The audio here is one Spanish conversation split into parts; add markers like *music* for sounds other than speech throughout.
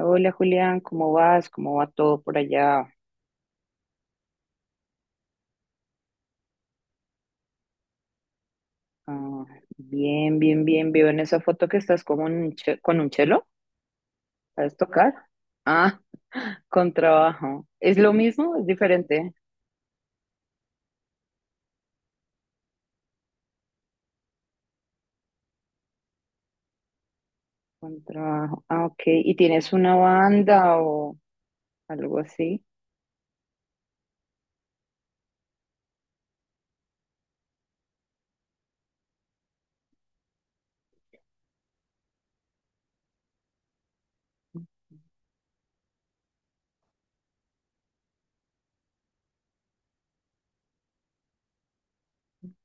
Hola Julián, ¿cómo vas? ¿Cómo va todo por allá? Ah, bien, bien, bien. Veo en esa foto que estás como un con un chelo. ¿Sabes tocar? Ah, *laughs* con trabajo. ¿Es lo mismo? ¿Es diferente? Con trabajo. Ah, ok. ¿Y tienes una banda o algo así?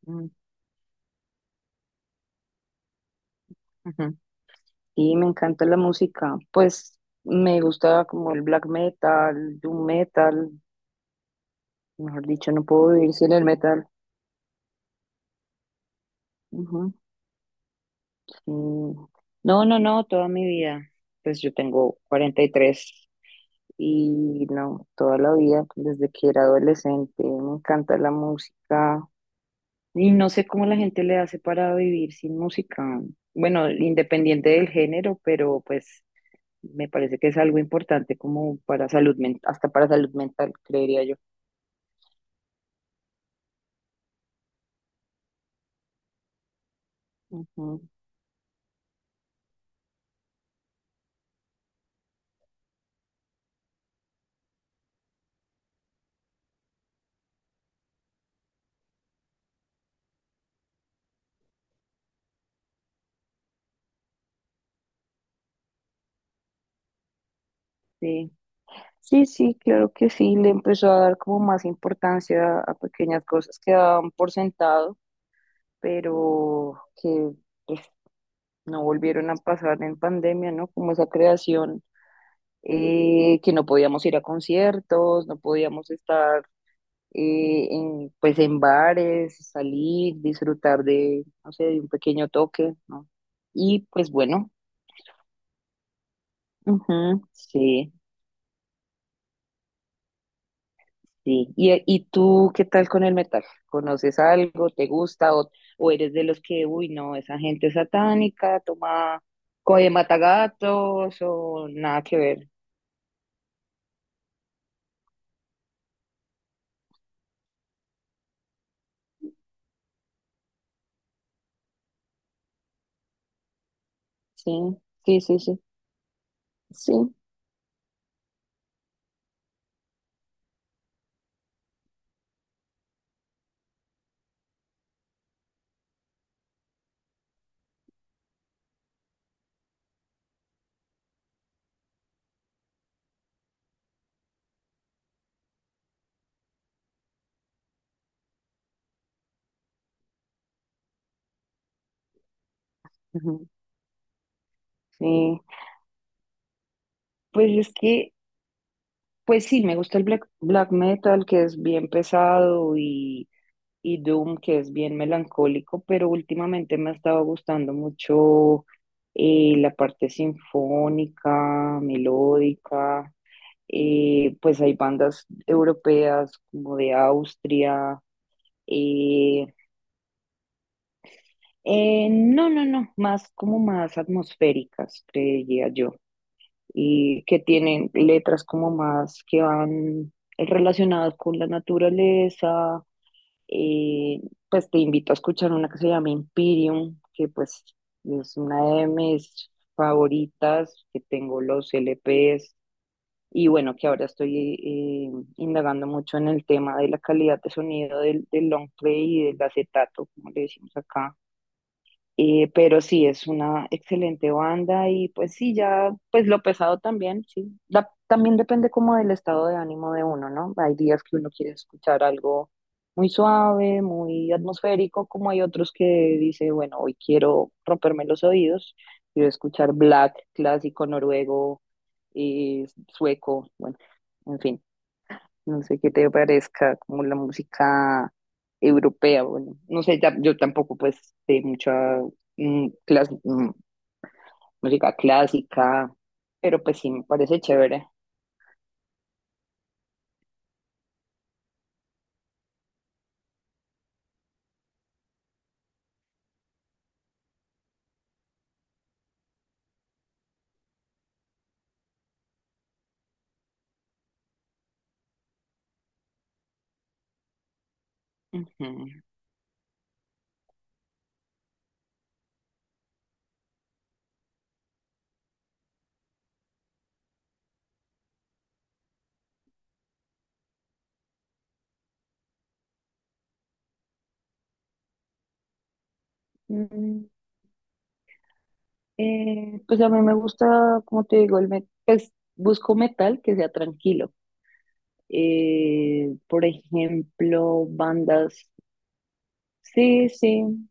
Mm, ujú. Y me encanta la música. Pues me gusta como el black metal, doom metal. Mejor dicho, no puedo vivir sin el metal. Mm, No, no, no, toda mi vida. Pues yo tengo 43 y tres y no, toda la vida, desde que era adolescente, me encanta la música y no sé cómo la gente le hace para vivir sin música. Bueno, independiente del género, pero pues me parece que es algo importante como para salud mental, hasta para salud mental, creería yo. Ujú, sí. Sí, sí, claro que sí, le empezó a dar como más importancia a pequeñas cosas que daban por sentado pero que pues, no volvieron a pasar en pandemia, ¿no? Como esa creación, que no podíamos ir a conciertos, no podíamos estar en, pues en bares, salir, disfrutar de, no sé, de un pequeño toque, ¿no? Y pues bueno, ujú, sí. Sí, ¿y, y tú qué tal con el metal? ¿Conoces algo? ¿Te gusta? O eres de los que, uy, no, esa gente es satánica, toma, coge matagatos o nada que ver? Sí, sí, sí, sí, sí, ujú, sí. Pues es que, pues sí, me gusta el black, black metal, que es bien pesado, y Doom, que es bien melancólico, pero últimamente me ha estado gustando mucho la parte sinfónica, melódica. Pues hay bandas europeas como de Austria, eh, no, no, no, más como más atmosféricas, creería yo, y que tienen letras como más que van relacionadas con la naturaleza, eh, pues te invito a escuchar una que se llama Imperium, que pues es una de mis favoritas, que tengo los LPs y bueno, que ahora estoy indagando mucho en el tema de la calidad de sonido del long play y del acetato, como le decimos acá, pero sí, es una excelente banda y pues sí, ya, pues lo pesado también, sí. También depende como del estado de ánimo de uno, ¿no? Hay días que uno quiere escuchar algo muy suave, muy atmosférico, como hay otros que dice, bueno, hoy quiero romperme los oídos, quiero escuchar black, clásico, noruego, sueco, bueno, en fin. No sé qué te parezca como la música europea, bueno, no sé, yo tampoco pues sé mucha mm, clas- mm, música clásica, pero pues sí, me parece chévere. Ujú. Mm, pues a mí me gusta, como te digo, el pues busco metal que sea tranquilo. Por ejemplo, bandas, sí, sí.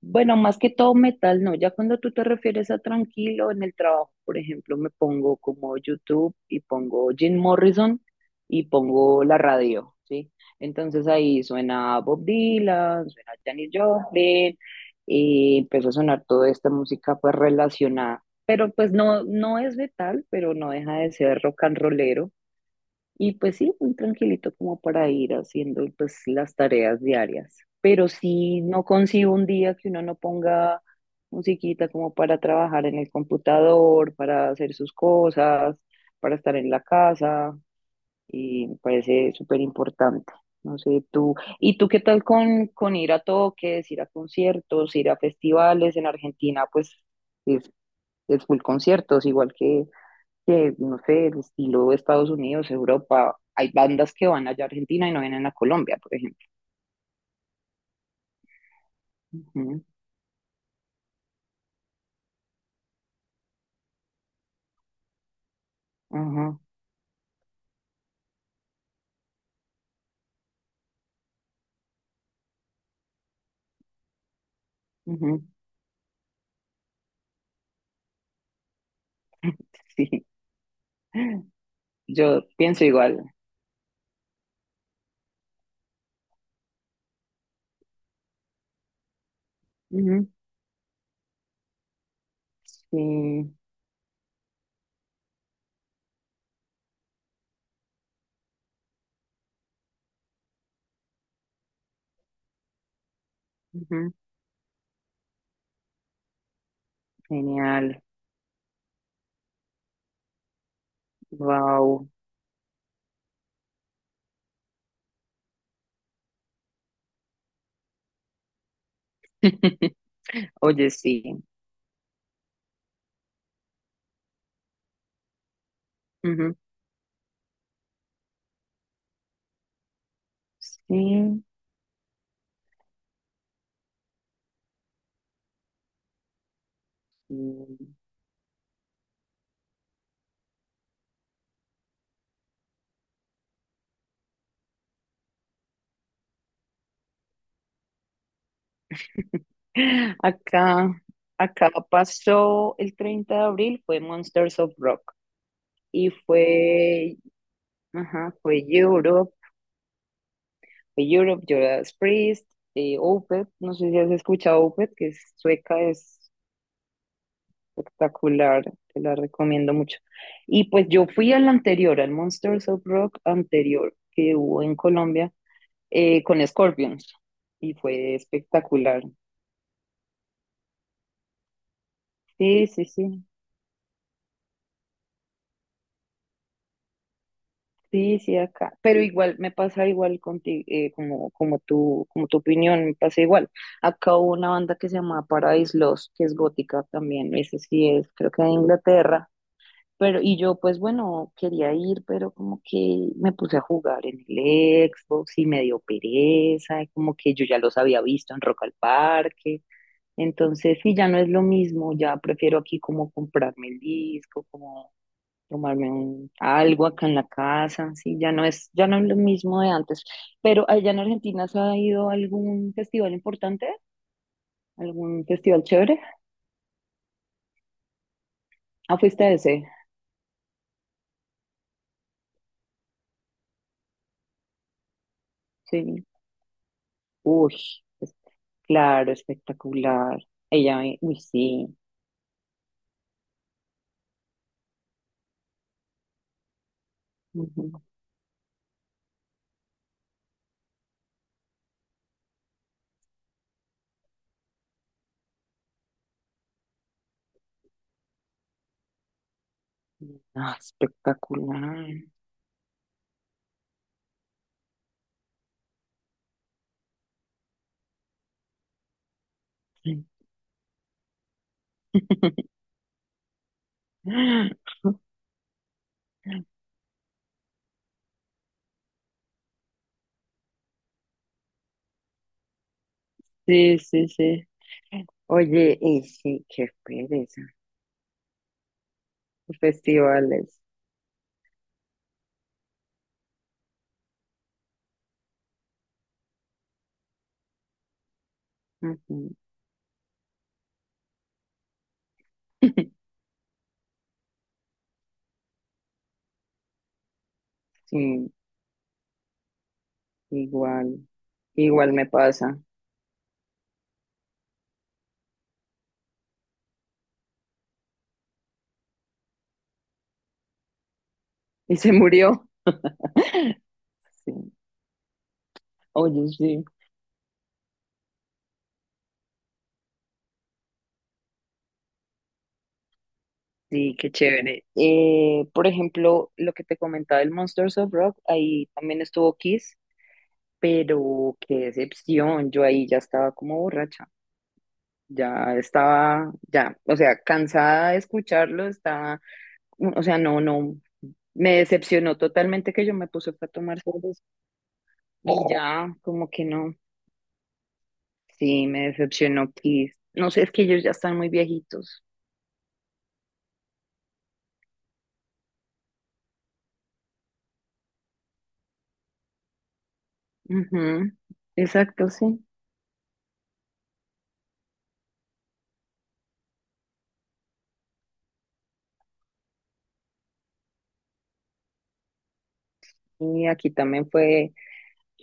Bueno, más que todo metal, no. Ya cuando tú te refieres a tranquilo en el trabajo, por ejemplo, me pongo como YouTube y pongo Jim Morrison y pongo la radio, ¿sí? Entonces ahí suena Bob Dylan, suena Janis Joplin y empezó a sonar toda esta música pues relacionada. Pero pues no, no es metal, pero no deja de ser rock and rollero. Y pues sí, muy tranquilito como para ir haciendo pues las tareas diarias. Pero sí, no consigo un día que uno no ponga musiquita como para trabajar en el computador, para hacer sus cosas, para estar en la casa. Y me parece súper importante. No sé, tú. ¿Y tú qué tal con ir a toques, ir a conciertos, ir a festivales? En Argentina, pues es, es full conciertos, igual que no sé, el estilo de Estados Unidos, Europa, hay bandas que van allá a Argentina y no vienen a Colombia, por ejemplo. Ujú, ajá, ujú, sí, *laughs* yo pienso igual. Ujú, sí, ujú, genial, wow. *laughs* Oye, sí. Ujú, sí. Sí. *laughs* Acá, acá pasó el 30 de abril, fue Monsters of Rock y fue, ajá, fue Europe Judas Priest, Opeth, no sé si has escuchado Opeth, que es sueca, es espectacular, te la recomiendo mucho. Y pues yo fui al anterior, al Monsters of Rock anterior que hubo en Colombia con Scorpions y fue espectacular. Sí, sí, sí, sí, sí, acá. Pero igual me pasa igual contigo, como tu opinión, me pasa igual. Acá hubo una banda que se llama Paradise Lost, que es gótica también, esa sí es, creo que de Inglaterra. Pero, y yo pues bueno, quería ir, pero como que me puse a jugar en el Xbox y me dio pereza, y como que yo ya los había visto en Rock al Parque. Entonces, sí, ya no es lo mismo, ya prefiero aquí como comprarme el disco, como tomarme algo acá en la casa, sí, ya no es lo mismo de antes. Pero allá en Argentina, ¿se ha ido a algún festival importante? ¿Algún festival chévere? Ah, fuiste a ese, sí. Uy, es- claro, espectacular. Ella me, uy, sí. Ujú. Ah, espectacular. *laughs* Sí, sí, sí. Oye, y sí, qué pereza. Festivales. Ujú, sí, igual. Igual me pasa. Y se murió. Sí. Oye, sí. Sí, qué chévere. Por ejemplo, lo que te comentaba el Monsters of Rock, ahí también estuvo Kiss. Pero qué decepción, yo ahí ya estaba como borracha, ya estaba, ya, o sea, cansada de escucharlo, estaba, o sea, no, no, me decepcionó totalmente que yo me puse fue a tomar cerveza y ya, como que no, sí, me decepcionó Kiss. No sé, es que ellos ya están muy viejitos. Ujú, exacto, sí. Y aquí también fue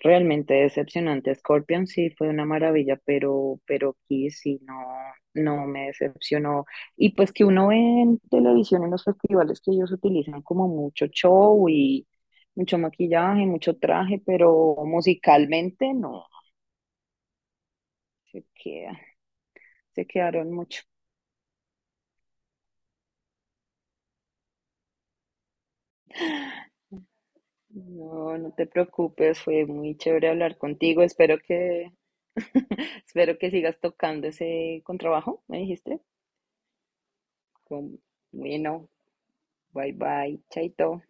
realmente decepcionante. Scorpion sí fue una maravilla, pero Kiss sí no, no me decepcionó. Y pues que uno ve en televisión en los festivales que ellos utilizan como mucho show y mucho maquillaje, mucho traje, pero musicalmente no, se queda, se quedaron mucho. No, no te preocupes, fue muy chévere hablar contigo. Espero que, *laughs* espero que sigas tocando ese contrabajo, me dijiste. Bueno, bye bye, chaito.